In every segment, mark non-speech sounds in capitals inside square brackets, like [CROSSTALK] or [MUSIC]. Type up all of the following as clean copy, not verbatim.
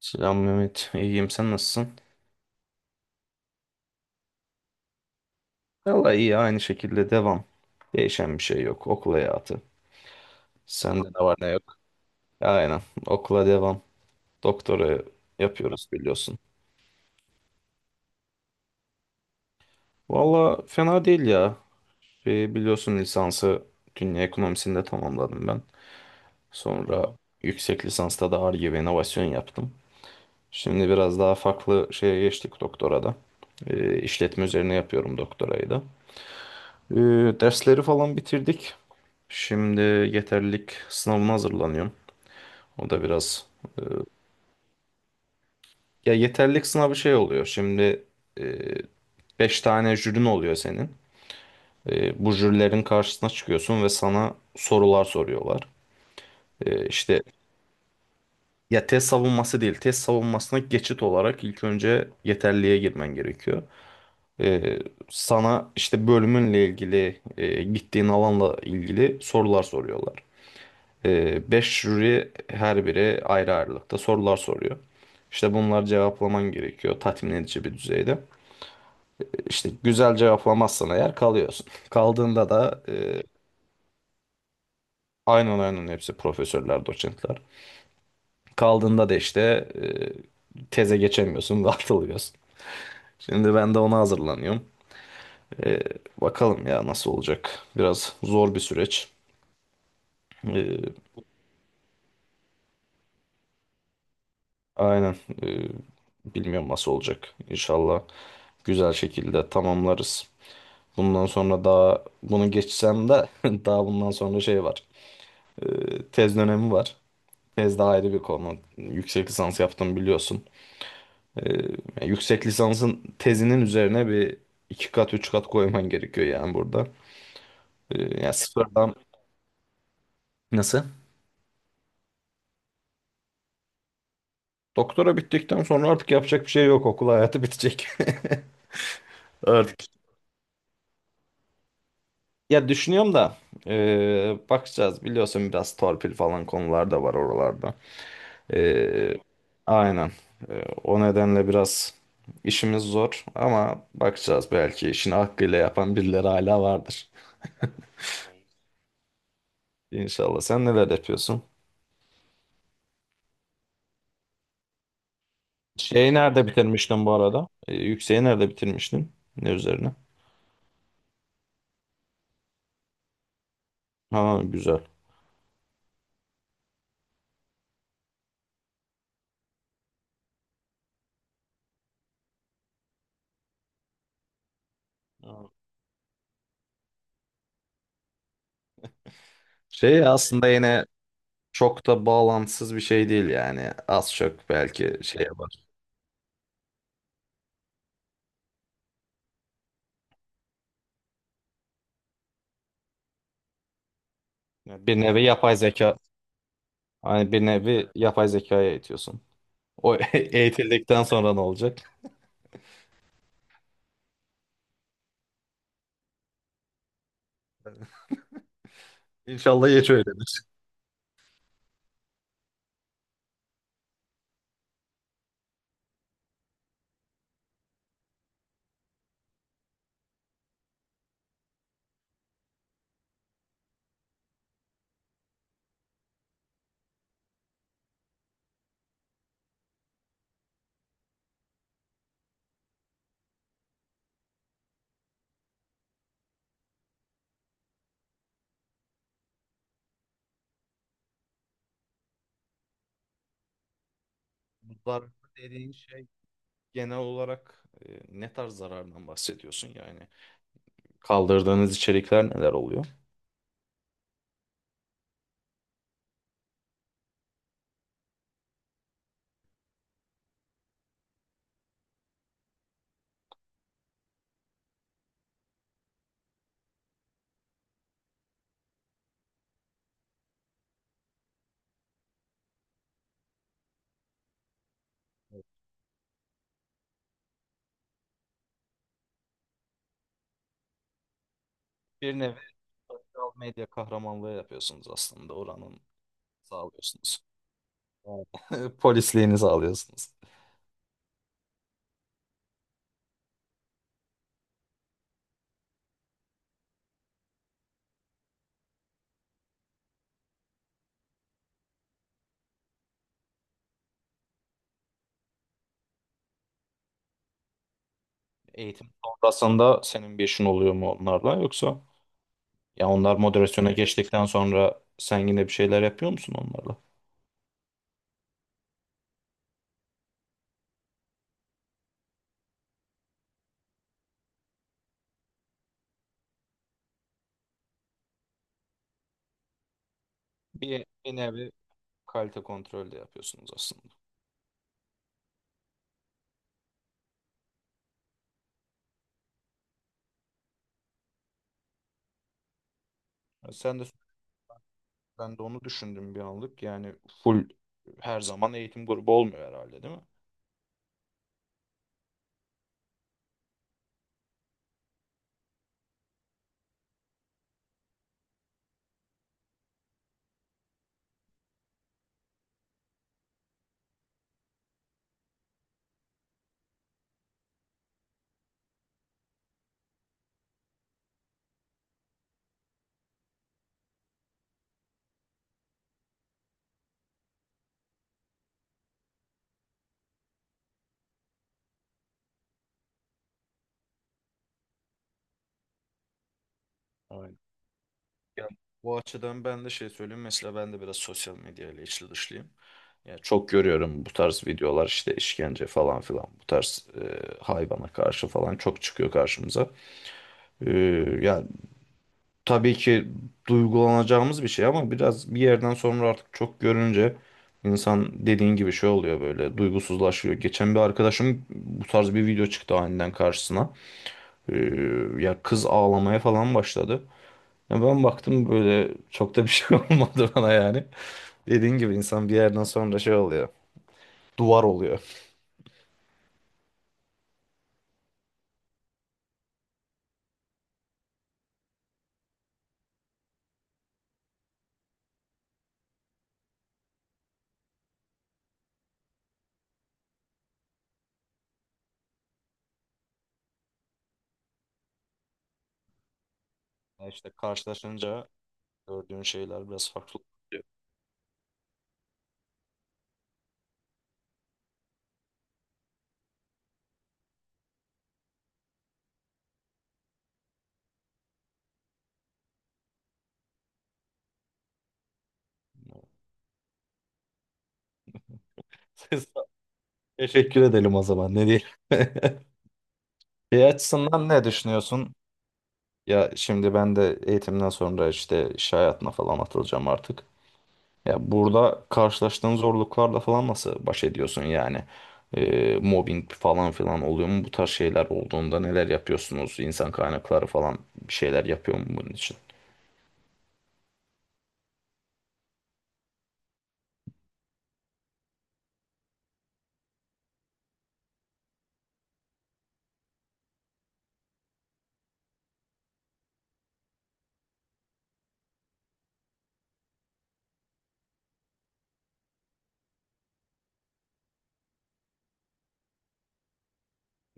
Selam Mehmet. İyiyim. Sen nasılsın? Vallahi iyi. Aynı şekilde devam. Değişen bir şey yok. Okul hayatı. Sende ne var ne yok? Aynen. Okula devam. Doktora yapıyoruz biliyorsun. Vallahi fena değil ya. Biliyorsun lisansı dünya ekonomisinde tamamladım ben. Sonra yüksek lisansta da Ar-Ge ve inovasyon yaptım. Şimdi biraz daha farklı şeye geçtik doktorada. İşletme üzerine yapıyorum doktorayı da. Ee, dersleri falan bitirdik. Şimdi yeterlilik sınavına hazırlanıyorum. O da biraz e, ya yeterlilik sınavı şey oluyor. Şimdi 5 tane jürin oluyor senin. Bu jürilerin karşısına çıkıyorsun ve sana sorular soruyorlar. İşte ya test savunması değil, test savunmasına geçit olarak ilk önce yeterliğe girmen gerekiyor. E, sana işte bölümünle ilgili, gittiğin alanla ilgili sorular soruyorlar. 5 jüri her biri ayrı ayrılıkta sorular soruyor. İşte bunları cevaplaman gerekiyor tatmin edici bir düzeyde. İşte güzel cevaplamazsan eğer kalıyorsun. [LAUGHS] Kaldığında da aynen, aynen, hepsi profesörler, doçentler. Kaldığında da işte e, teze geçemiyorsun ve [LAUGHS] atılıyorsun. Şimdi ben de ona hazırlanıyorum. E, bakalım ya nasıl olacak. Biraz zor bir süreç. E, aynen. E, bilmiyorum nasıl olacak. İnşallah güzel şekilde tamamlarız. Bundan sonra daha bunu geçsem de [LAUGHS] daha bundan sonra şey var. Tez dönemi var. Tez daha ayrı bir konu. Yüksek lisans yaptım biliyorsun. Ee, yani yüksek lisansın tezinin üzerine bir iki kat üç kat koyman gerekiyor yani burada. Yani sıfırdan nasıl? Doktora bittikten sonra artık yapacak bir şey yok. Okul hayatı bitecek. [LAUGHS] Artık. Ya düşünüyorum da bakacağız biliyorsun biraz torpil falan konular da var oralarda. Ee, aynen. O nedenle biraz işimiz zor ama bakacağız belki işini hakkıyla yapan birileri hala vardır. İnşallah. Sen neler yapıyorsun? Şeyi nerede bitirmiştin bu arada? Yükseği nerede bitirmiştin? Ne üzerine? Ha güzel. Şey aslında yine çok da bağlantısız bir şey değil yani. Az çok belki şeye var. Bir nevi yapay zeka. Hani bir nevi yapay zekaya eğitiyorsun. O [LAUGHS] eğitildikten sonra ne olacak? İnşallah geç öyle. Bu zarar dediğin şey genel olarak ne tarz zarardan bahsediyorsun yani? Kaldırdığınız içerikler neler oluyor? Bir nevi sosyal medya kahramanlığı yapıyorsunuz aslında. Oranın sağlıyorsunuz. Evet. [LAUGHS] Polisliğini sağlıyorsunuz. Eğitim sonrasında senin bir işin oluyor mu onlarla yoksa ya onlar moderasyona geçtikten sonra sen yine bir şeyler yapıyor musun onlarla? Bir nevi kalite kontrolü de yapıyorsunuz aslında. Sen de Ben de onu düşündüm bir anlık. Yani full her zaman eğitim grubu olmuyor herhalde değil mi? Aynen. Yani bu açıdan ben de şey söyleyeyim. Mesela ben de biraz sosyal medyayla içli dışlıyım. Yani çok görüyorum bu tarz videolar işte işkence falan filan. Bu tarz hayvana karşı falan çok çıkıyor karşımıza. E, yani tabii ki duygulanacağımız bir şey ama biraz bir yerden sonra artık çok görünce insan dediğin gibi şey oluyor böyle duygusuzlaşıyor. Geçen bir arkadaşım bu tarz bir video çıktı aniden karşısına. Ee, ya kız ağlamaya falan başladı. Ya ben baktım böyle çok da bir şey [LAUGHS] olmadı bana yani. Dediğin gibi insan bir yerden sonra şey oluyor. Duvar oluyor. Ya İşte karşılaşınca gördüğün şeyler biraz farklı oluyor. Siz- [LAUGHS] Teşekkür edelim o zaman ne diyelim. [LAUGHS] Bir açısından ne düşünüyorsun? Ya şimdi ben de eğitimden sonra işte iş hayatına falan atılacağım artık. Ya burada karşılaştığın zorluklarla falan nasıl baş ediyorsun yani? Mobbing falan filan oluyor mu? Bu tarz şeyler olduğunda neler yapıyorsunuz? İnsan kaynakları falan bir şeyler yapıyor mu bunun için?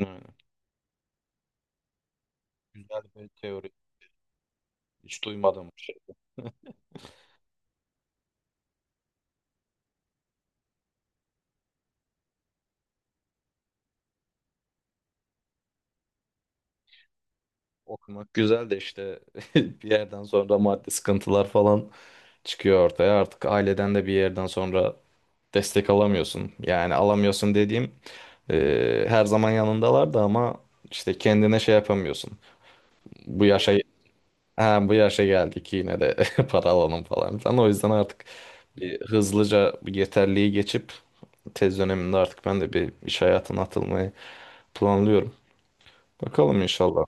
Aynen. Güzel bir teori. Hiç duymadım bir şey. Okumak güzel de işte [LAUGHS] bir yerden sonra maddi sıkıntılar falan çıkıyor ortaya. Artık aileden de bir yerden sonra destek alamıyorsun. Yani alamıyorsun dediğim her zaman yanındalar da ama işte kendine şey yapamıyorsun. Bu yaşa Ha, bu yaşa geldik yine de [LAUGHS] para alalım falan filan. O yüzden artık bir hızlıca bir yeterliği geçip tez döneminde artık ben de bir iş hayatına atılmayı planlıyorum. Bakalım inşallah.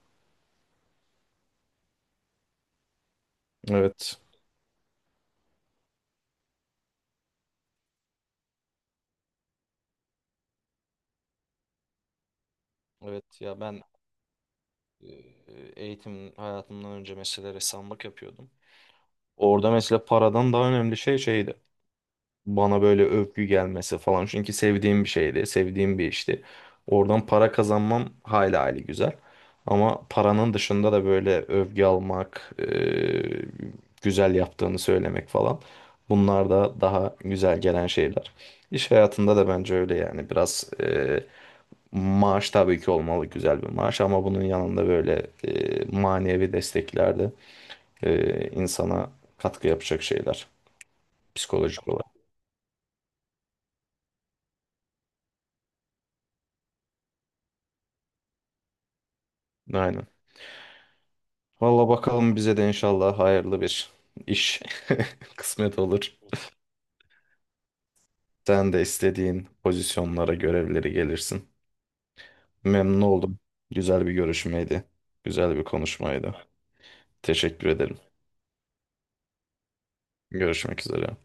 Evet. Evet ya ben e, eğitim hayatımdan önce mesela ressamlık yapıyordum. Orada mesela paradan daha önemli şey şeydi. Bana böyle övgü gelmesi falan. Çünkü sevdiğim bir şeydi, sevdiğim bir işti. Oradan para kazanmam hayli hayli güzel. Ama paranın dışında da böyle övgü almak, güzel yaptığını söylemek falan. Bunlar da daha güzel gelen şeyler. İş hayatında da bence öyle yani biraz maaş tabii ki olmalı güzel bir maaş ama bunun yanında böyle manevi desteklerde insana katkı yapacak şeyler psikolojik olarak. Aynen. Valla bakalım bize de inşallah hayırlı bir iş [LAUGHS] kısmet olur. Sen de istediğin pozisyonlara, görevleri gelirsin. Memnun oldum. Güzel bir görüşmeydi. Güzel bir konuşmaydı. Teşekkür ederim. Görüşmek üzere.